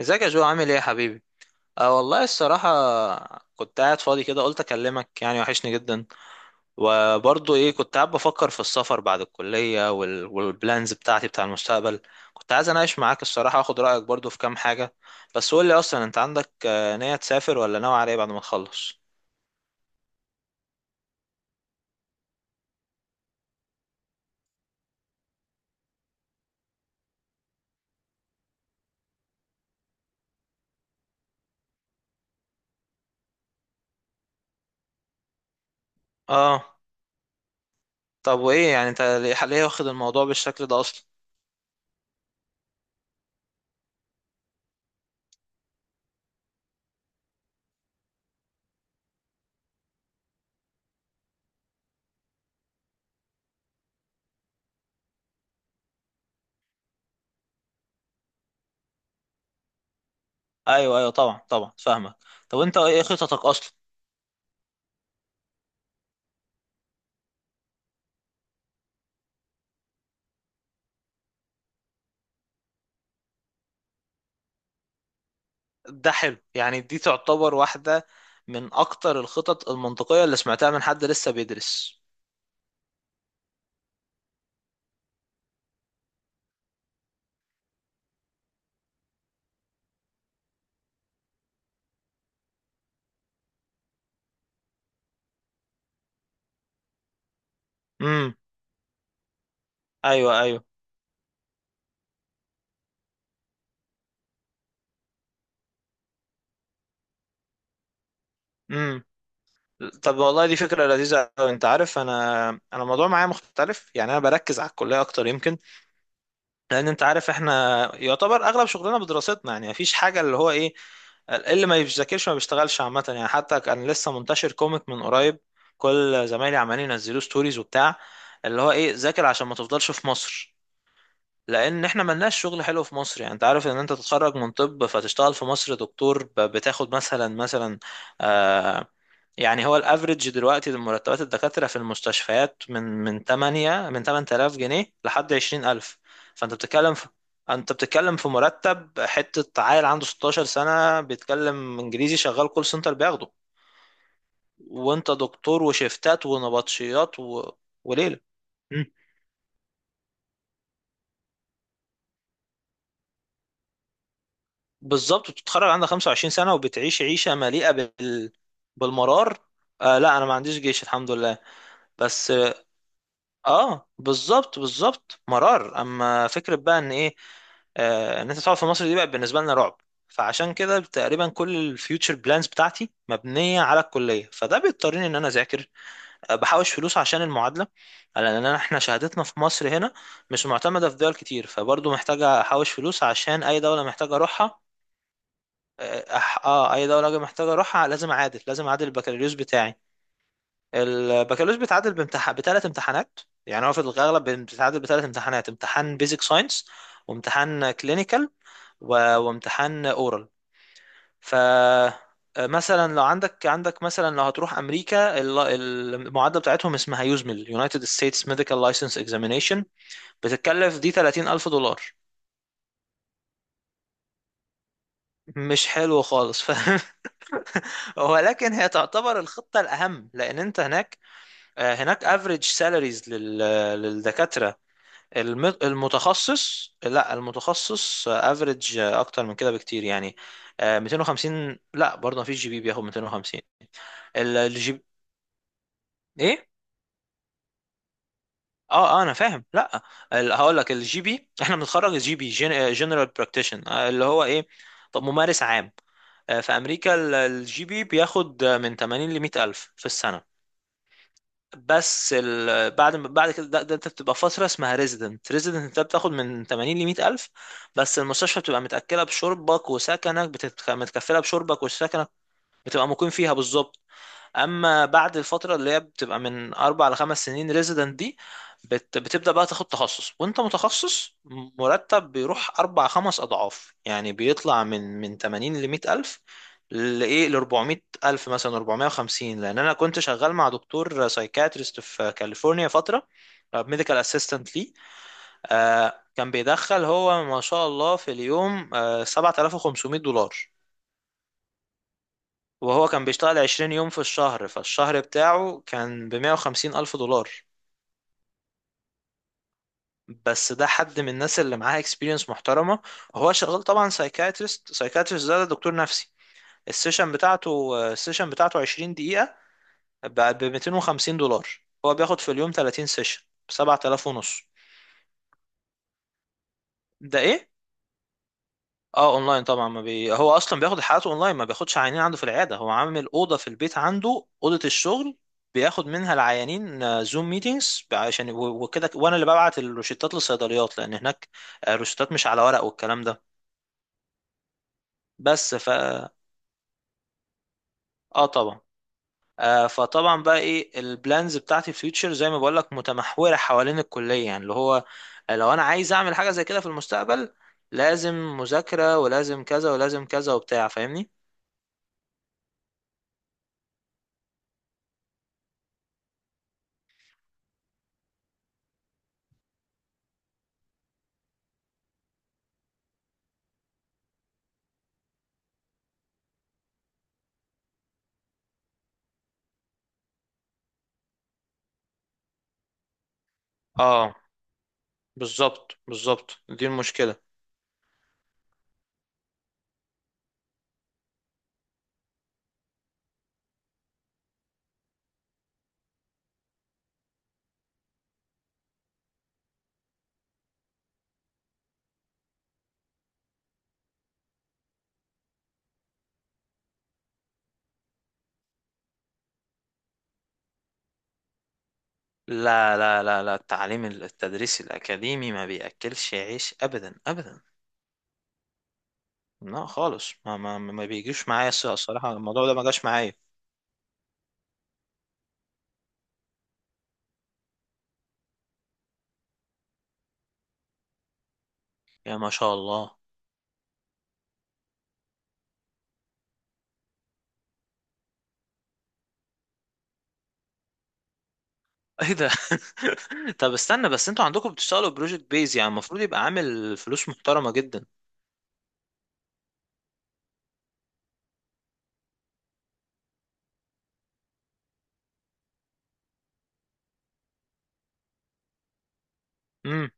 ازيك يا جو، عامل ايه يا حبيبي؟ أه والله الصراحة، كنت قاعد فاضي كده، قلت اكلمك، يعني وحشني جدا. وبرضه ايه، كنت قاعد بفكر في السفر بعد الكلية والبلانز بتاعتي بتاع المستقبل. كنت عايز اناقش معاك الصراحة، واخد رأيك برضه في كام حاجة. بس قول لي اصلا، انت عندك نية تسافر ولا ناوي على ايه بعد ما تخلص؟ اه. طب وايه يعني، انت ليه واخد الموضوع بالشكل ده اصلا؟ ايوه ايوه، طبعا طبعا، فاهمك. طب انت ايه خططك اصلا؟ ده حلو يعني، دي تعتبر واحدة من أكتر الخطط المنطقية اللي سمعتها من حد لسه بيدرس. امم. أيوه أيوه. امم. طب والله دي فكرة لذيذة أوي. أنت عارف، أنا الموضوع معايا مختلف يعني، أنا بركز على الكلية أكتر يمكن. لأن أنت عارف، إحنا يعتبر أغلب شغلنا بدراستنا، يعني مفيش حاجة اللي هو إيه، اللي ما بيذاكرش ما بيشتغلش عامة يعني. حتى كان لسه منتشر كوميك من قريب، كل زمايلي عمالين ينزلوا ستوريز وبتاع، اللي هو ايه، ذاكر عشان ما تفضلش في مصر. لان احنا ملناش شغل حلو في مصر يعني. انت عارف ان انت تتخرج من طب فتشتغل في مصر دكتور، بتاخد مثلا آه يعني هو الافريج دلوقتي مرتبات الدكاترة في المستشفيات من 8 من 8,000 جنيه لحد 20,000. فانت بتتكلم في انت بتتكلم في مرتب حتة عيل عنده 16 سنة بيتكلم انجليزي شغال كول سنتر بياخده. وانت دكتور وشيفتات ونبطشيات وليلة. بالظبط، وتتخرج عندها 25 سنة وبتعيش عيشة مليئة بالمرار. آه لا، انا ما عنديش جيش الحمد لله. بس اه، بالظبط بالظبط، مرار. اما فكرة بقى ان ايه، آه، ان انت تقعد في مصر دي بقى بالنسبة لنا رعب. فعشان كده تقريبا كل الفيوتشر بلانز بتاعتي مبنية على الكلية، فده بيضطرني ان انا اذاكر، بحوش فلوس عشان المعادلة. لان احنا شهادتنا في مصر هنا مش معتمدة في دول كتير، فبرضه محتاجة احوش فلوس عشان اي دولة محتاجة اروحها. اه، اي دوله اجي محتاج اروحها لازم اعادل، البكالوريوس بتاعي. البكالوريوس بيتعادل بامتحان، بثلاث امتحانات. يعني هو في الاغلب بيتعادل بثلاث امتحانات: امتحان بيزك ساينس، وامتحان كلينيكال، و... وامتحان اورال. ف آه، مثلا لو عندك مثلا لو هتروح امريكا، المعادله بتاعتهم اسمها يوزمل، United States Medical License Examination. بتتكلف دي $30,000. مش حلو خالص، فاهم. ولكن هي تعتبر الخطة الأهم، لأن أنت هناك، هناك افريج سالاريز للدكاترة. المتخصص، لا المتخصص افريج أكتر من كده بكتير يعني. 250، لا برضه مفيش جي بي بياخد 250. الجي بي. إيه؟ اه اه، انا فاهم. لا، هقول لك، الجي بي احنا بنتخرج الجي بي، جنرال براكتيشن، اللي هو ايه، طب ممارس عام. في امريكا، الجي بي بياخد من 80 ل 100 الف في السنه. بس بعد ما- بعد كده، ده انت بتبقى فتره اسمها ريزيدنت. ريزيدنت انت بتاخد من 80 ل 100 الف، بس المستشفى بتبقى متاكله بشربك وسكنك، متكفله بشربك وسكنك. بتبقى مقيم فيها بالظبط. اما بعد الفتره اللي هي بتبقى من اربع لخمس سنين، ريزيدنت دي، بتبدا بقى تاخد تخصص. وانت متخصص مرتب بيروح اربع خمس اضعاف يعني، بيطلع من 80 ل 100 الف، لايه، ل 400 الف مثلا 450. لان انا كنت شغال مع دكتور سايكاتريست في كاليفورنيا فتره، ميديكال اسيستنت ليه. كان بيدخل هو، ما شاء الله، في اليوم $7,500. وهو كان بيشتغل 20 يوم في الشهر، فالشهر بتاعه كان ب 150 ألف دولار. بس ده حد من الناس اللي معاها اكسبيرينس محترمة. هو شغال طبعا سايكاتريست. سايكاتريست ده دكتور نفسي. السيشن بتاعته السيشن بتاعته 20 دقيقة ب $250. هو بياخد في اليوم 30 سيشن ب 7,000 ونص. ده ايه؟ اه اونلاين طبعا. ما بي... هو اصلا بياخد حالته اونلاين، ما بياخدش عيانين عنده في العياده. هو عامل اوضه في البيت عنده، اوضه الشغل، بياخد منها العيانين زوم ميتينجز، عشان وكده. وانا اللي ببعت الروشتات للصيدليات، لان هناك الروشتات مش على ورق والكلام ده. بس ف اه طبعا. فطبعا بقى ايه، البلانز بتاعتي في فيوتشر زي ما بقول لك متمحوره حوالين الكليه يعني. اللي هو لو انا عايز اعمل حاجه زي كده في المستقبل، لازم مذاكره ولازم كذا ولازم كذا وبتاع، فاهمني. اه بالظبط بالظبط، دي المشكلة. لا لا لا لا، التعليم التدريس الأكاديمي ما بيأكلش عيش أبدا أبدا. لا خالص، ما بيجيش معايا، الصراحة الموضوع ده ما جاش معايا. يا ما شاء الله. ايه ده؟ طب استنى بس، انتوا عندكم بتشتغلوا بروجكت بيز يعني، المفروض يبقى عامل فلوس محترمة جدا. امم.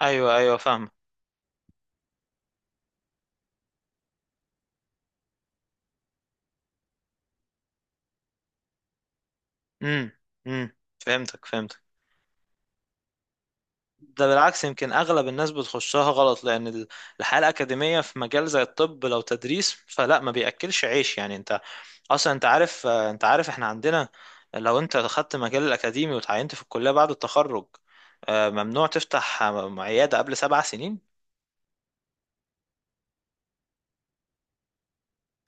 ايوه ايوه فاهم. امم. امم، فهمتك فهمتك. ده بالعكس، يمكن اغلب الناس بتخشها غلط. لان الحياه الاكاديميه في مجال زي الطب، لو تدريس فلا، ما بياكلش عيش يعني. انت اصلا انت عارف، انت عارف احنا عندنا لو انت خدت مجال الاكاديمي وتعينت في الكليه بعد التخرج، ممنوع تفتح عياده قبل 7 سنين.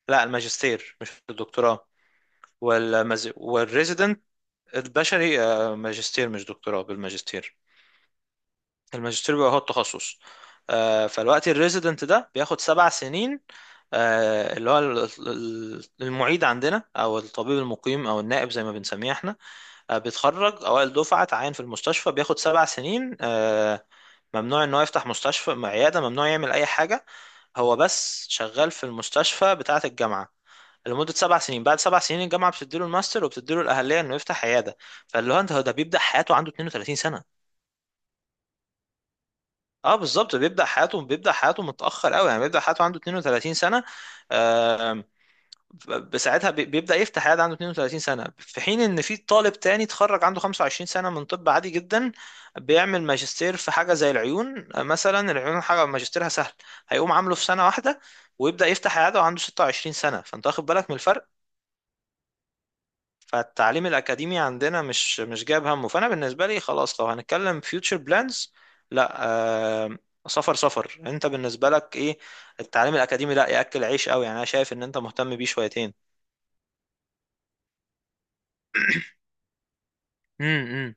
لا الماجستير مش الدكتوراه. والريزيدنت. البشري، ماجستير مش دكتوراه، بالماجستير. الماجستير بيبقى هو التخصص. فالوقت الريزيدنت ده بياخد 7 سنين. اللي هو المعيد عندنا، او الطبيب المقيم، او النائب زي ما بنسميه احنا. بيتخرج اوائل دفعه، اتعين في المستشفى، بياخد 7 سنين. ممنوع ان هو يفتح مستشفى عياده، ممنوع يعمل اي حاجه. هو بس شغال في المستشفى بتاعه الجامعه لمدة 7 سنين. بعد 7 سنين الجامعة بتديله الماستر، وبتديله الأهلية إنه يفتح عيادة. فاللي هو أنت، هو ده بيبدأ حياته عنده 32 سنة. اه بالظبط بيبدأ حياته، متأخر قوي يعني، بيبدأ حياته عنده 32 سنة. آم، بساعتها بيبدأ يفتح عيادة عنده 32 سنة، في حين ان في طالب تاني اتخرج عنده 25 سنة من طب عادي جدا، بيعمل ماجستير في حاجة زي العيون. مثلا العيون حاجة ماجستيرها سهل، هيقوم عامله في سنة واحدة، ويبدأ يفتح عيادة وعنده 26 سنة. فانت واخد بالك من الفرق. فالتعليم الأكاديمي عندنا مش جايب همه. فأنا بالنسبة لي خلاص، لو هنتكلم future plans، لا، آه، سفر، سفر. أنت بالنسبة لك إيه؟ التعليم الأكاديمي لا يأكل عيش قوي يعني، أنا شايف إن أنت مهتم بيه شويتين. امم.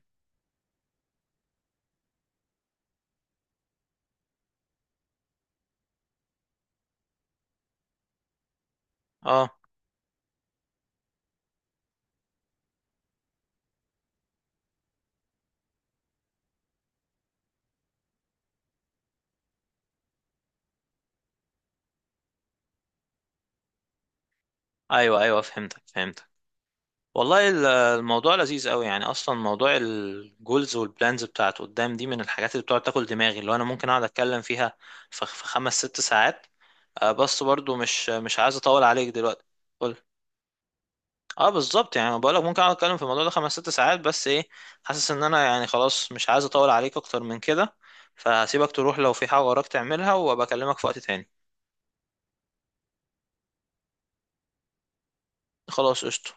اه ايوه ايوه، فهمتك فهمتك. والله الموضوع لذيذ قوي يعني. اصلا موضوع الجولز والبلانز بتاعت قدام دي من الحاجات اللي بتقعد تاكل دماغي، اللي هو انا ممكن اقعد اتكلم فيها في خمس ست ساعات. بس برضو مش عايز اطول عليك دلوقتي. اه بالظبط يعني، بقولك ممكن اقعد اتكلم في الموضوع ده خمس ست ساعات. بس ايه، حاسس ان انا يعني خلاص مش عايز اطول عليك اكتر من كده. فهسيبك تروح لو في حاجة وراك تعملها، وابقى اكلمك في وقت تاني. خلاص قشطة.